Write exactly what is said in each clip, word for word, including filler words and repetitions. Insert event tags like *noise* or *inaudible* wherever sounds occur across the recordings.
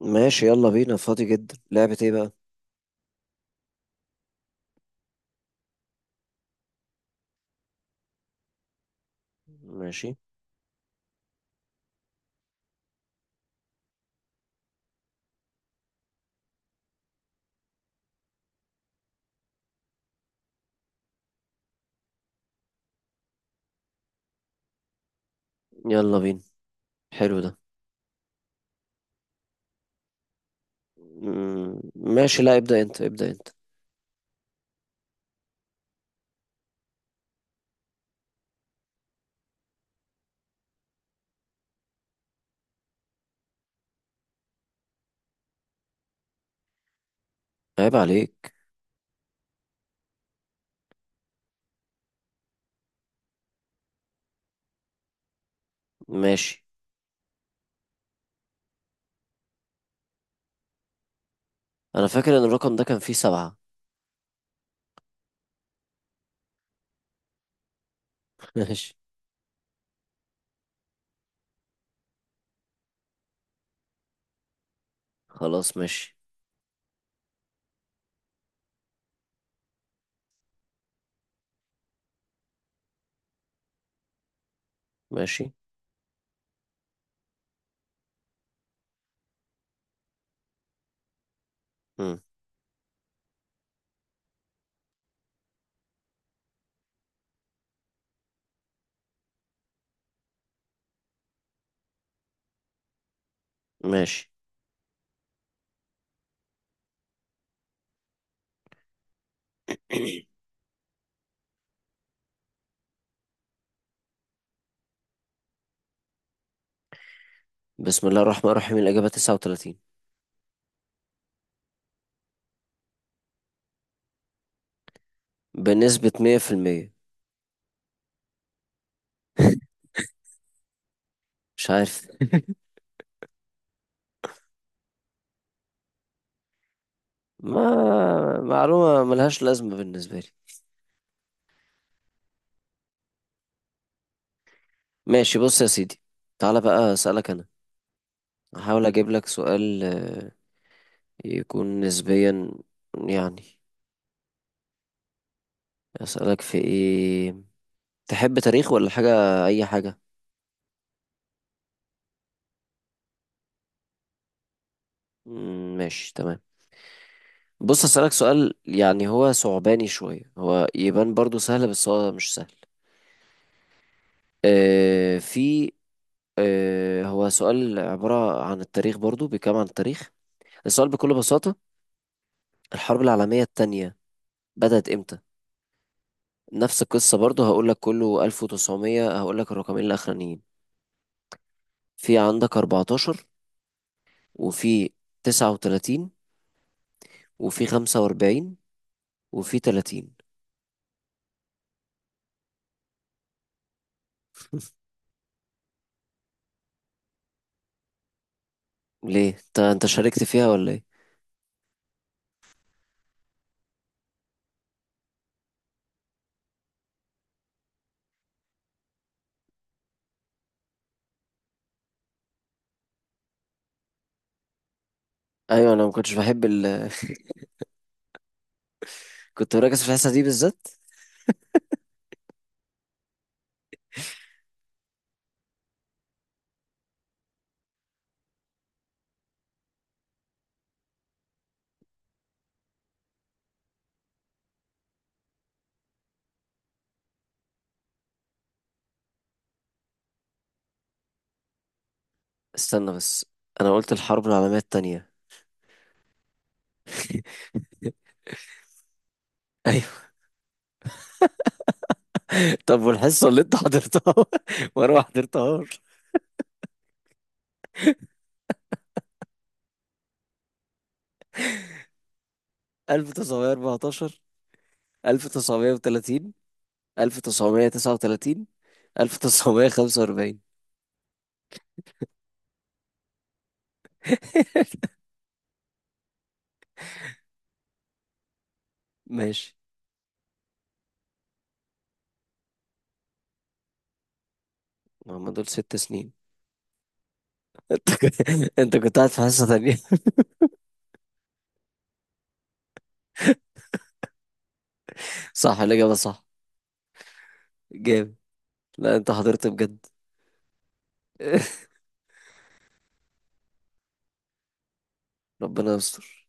ماشي، يلا بينا. فاضي جدا. لعبة ايه بقى؟ ماشي، يلا بينا. حلو ده. مم، ماشي. لا، ابدأ انت ابدأ انت. عيب عليك. ماشي. انا فاكر ان الرقم ده كان فيه سبعة. *laughs* ماشي. خلاص، ماشي ماشي. مم. ماشي. بسم الله الرحمن الرحيم. الإجابة تسعة وثلاثين. بنسبة مية في المية. مش عارف. ما معلومة ملهاش لازمة بالنسبة لي. ماشي، بص يا سيدي. تعالى بقى أسألك أنا. هحاول أجيب لك سؤال آه، يكون نسبيا يعني. أسألك في إيه؟ تحب تاريخ ولا حاجة، أي حاجة. مم، ماشي تمام. بص، أسألك سؤال يعني هو صعباني شوية، هو يبان برضو سهل بس هو مش سهل. آه في آه هو سؤال عبارة عن التاريخ، برضو بيتكلم عن التاريخ. السؤال بكل بساطة: الحرب العالمية التانية بدأت إمتى؟ نفس القصة برضو، هقول لك كله ألف وتسعمية، هقول لك الرقمين الأخرانيين. في عندك أربعة عشر، وفي تسعة وتلاتين، وفي خمسة وأربعين، وفي تلاتين. ليه؟ انت انت شاركت فيها ولا ايه؟ أيوة، أنا ما كنتش بحب ال *laughs* كنت مركز في الحصة دي بالذات. استنى بس، أنا قلت الحرب العالمية التانية. *laughs* أيوة. طب والحصة اللي أنت حضرتها *laughs* وأنا ما حضرتهاش. ألف تسعمية وأربعة عشر، ألف تسعمية وثلاثين، ألف وتسعمية وتسعة وتلاتين، ألف وتسعمية وخمسة وأربعين. *laughs* ماشي. ما هم دول ست سنين. *laughs* انت كنت انت كنت قاعد في حصة تانية. *laughs* صح، الإجابة صح. جامد. لا، انت حضرت بجد. *laughs* ربنا يستر.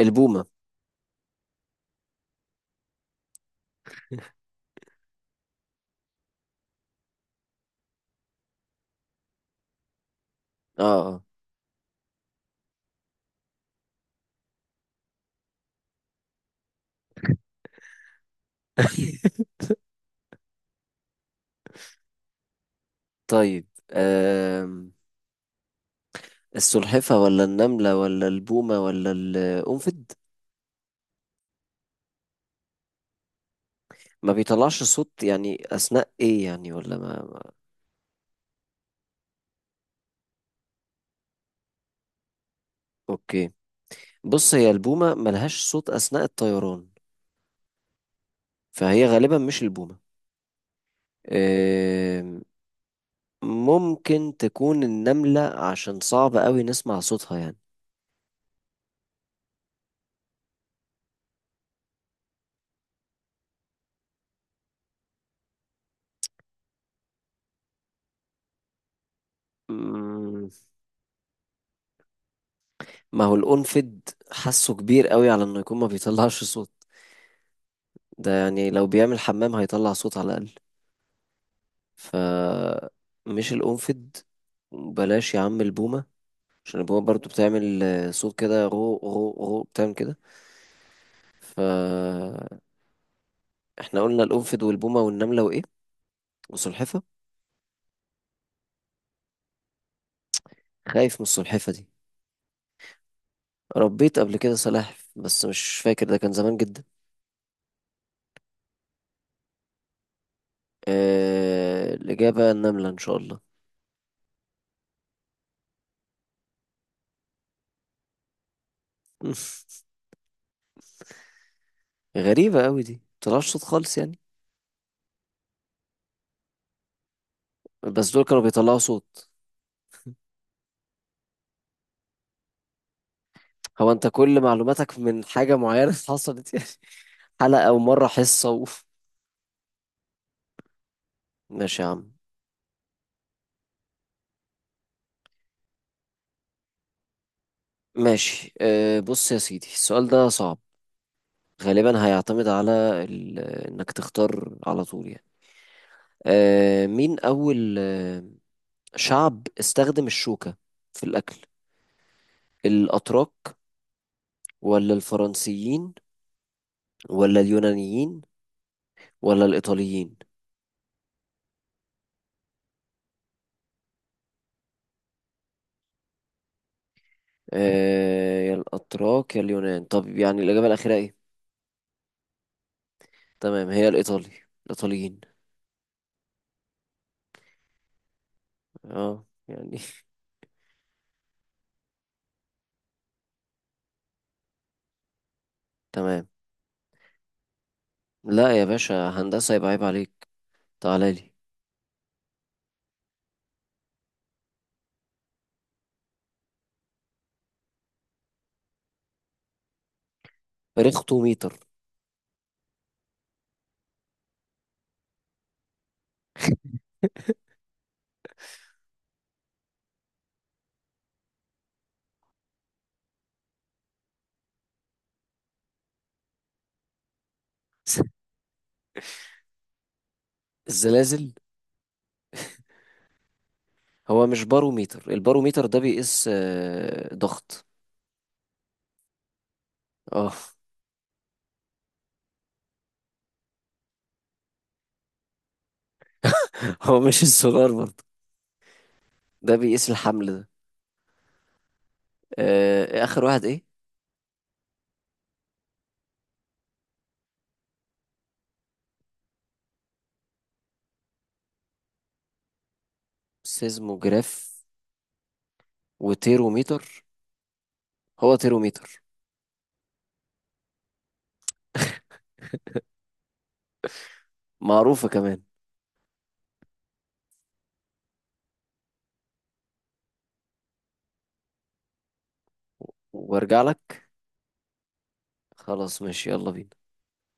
البومة. اه، اه. *laughs* طيب آم. السلحفة ولا النملة ولا البومة ولا القنفد؟ ما بيطلعش صوت يعني أثناء إيه يعني، ولا ما ما- أوكي. بص، هي البومة ملهاش صوت أثناء الطيران، فهي غالبا مش البومة. آم، ممكن تكون النملة عشان صعب قوي نسمع صوتها يعني. مم، ما هو القنفد حاسه كبير قوي على إنه يكون ما بيطلعش صوت. ده يعني لو بيعمل حمام هيطلع صوت على الأقل. ف مش القنفد. بلاش يا عم البومة، عشان البومة برضو بتعمل آه، صوت كده، غو غو غو بتعمل كده. ف احنا قلنا القنفد والبومة والنملة وإيه؟ والسلحفة. خايف من السلحفة دي. ربيت قبل كده سلاحف بس مش فاكر، ده كان زمان جدا. اه... الإجابة النملة إن شاء الله. *laughs* غريبة قوي دي، مطلعش صوت خالص يعني؟ بس دول كانوا بيطلعوا صوت. هو انت كل معلوماتك من حاجة معينة *laughs* حصلت يعني؟ حلقة ومرة حصة. اوف. ماشي يا عم. ماشي أه بص يا سيدي، السؤال ده صعب. غالبا هيعتمد على ال... انك تختار على طول يعني. أه، مين اول آه، شعب استخدم الشوكة في الاكل؟ الاتراك، ولا الفرنسيين، ولا اليونانيين، ولا الايطاليين؟ أه، يا الاتراك يا اليونان. طب يعني الاجابة الاخيرة ايه؟ تمام، هي الايطالي الايطاليين. اه يعني. *laughs* تمام. لا يا باشا، هندسة يبقى عيب عليك. تعالى لي. ريختوميتر. *laughs* الزلازل. هو مش باروميتر؟ الباروميتر ده بيقيس آه، ضغط. اه. *laughs* هو مش السولار برضه؟ ده بيقيس الحمل ده. آه، اخر واحد ايه؟ سيزموجراف وتيروميتر. هو تيروميتر. معروفة كمان. وارجع لك. خلاص، ماشي يلا بينا.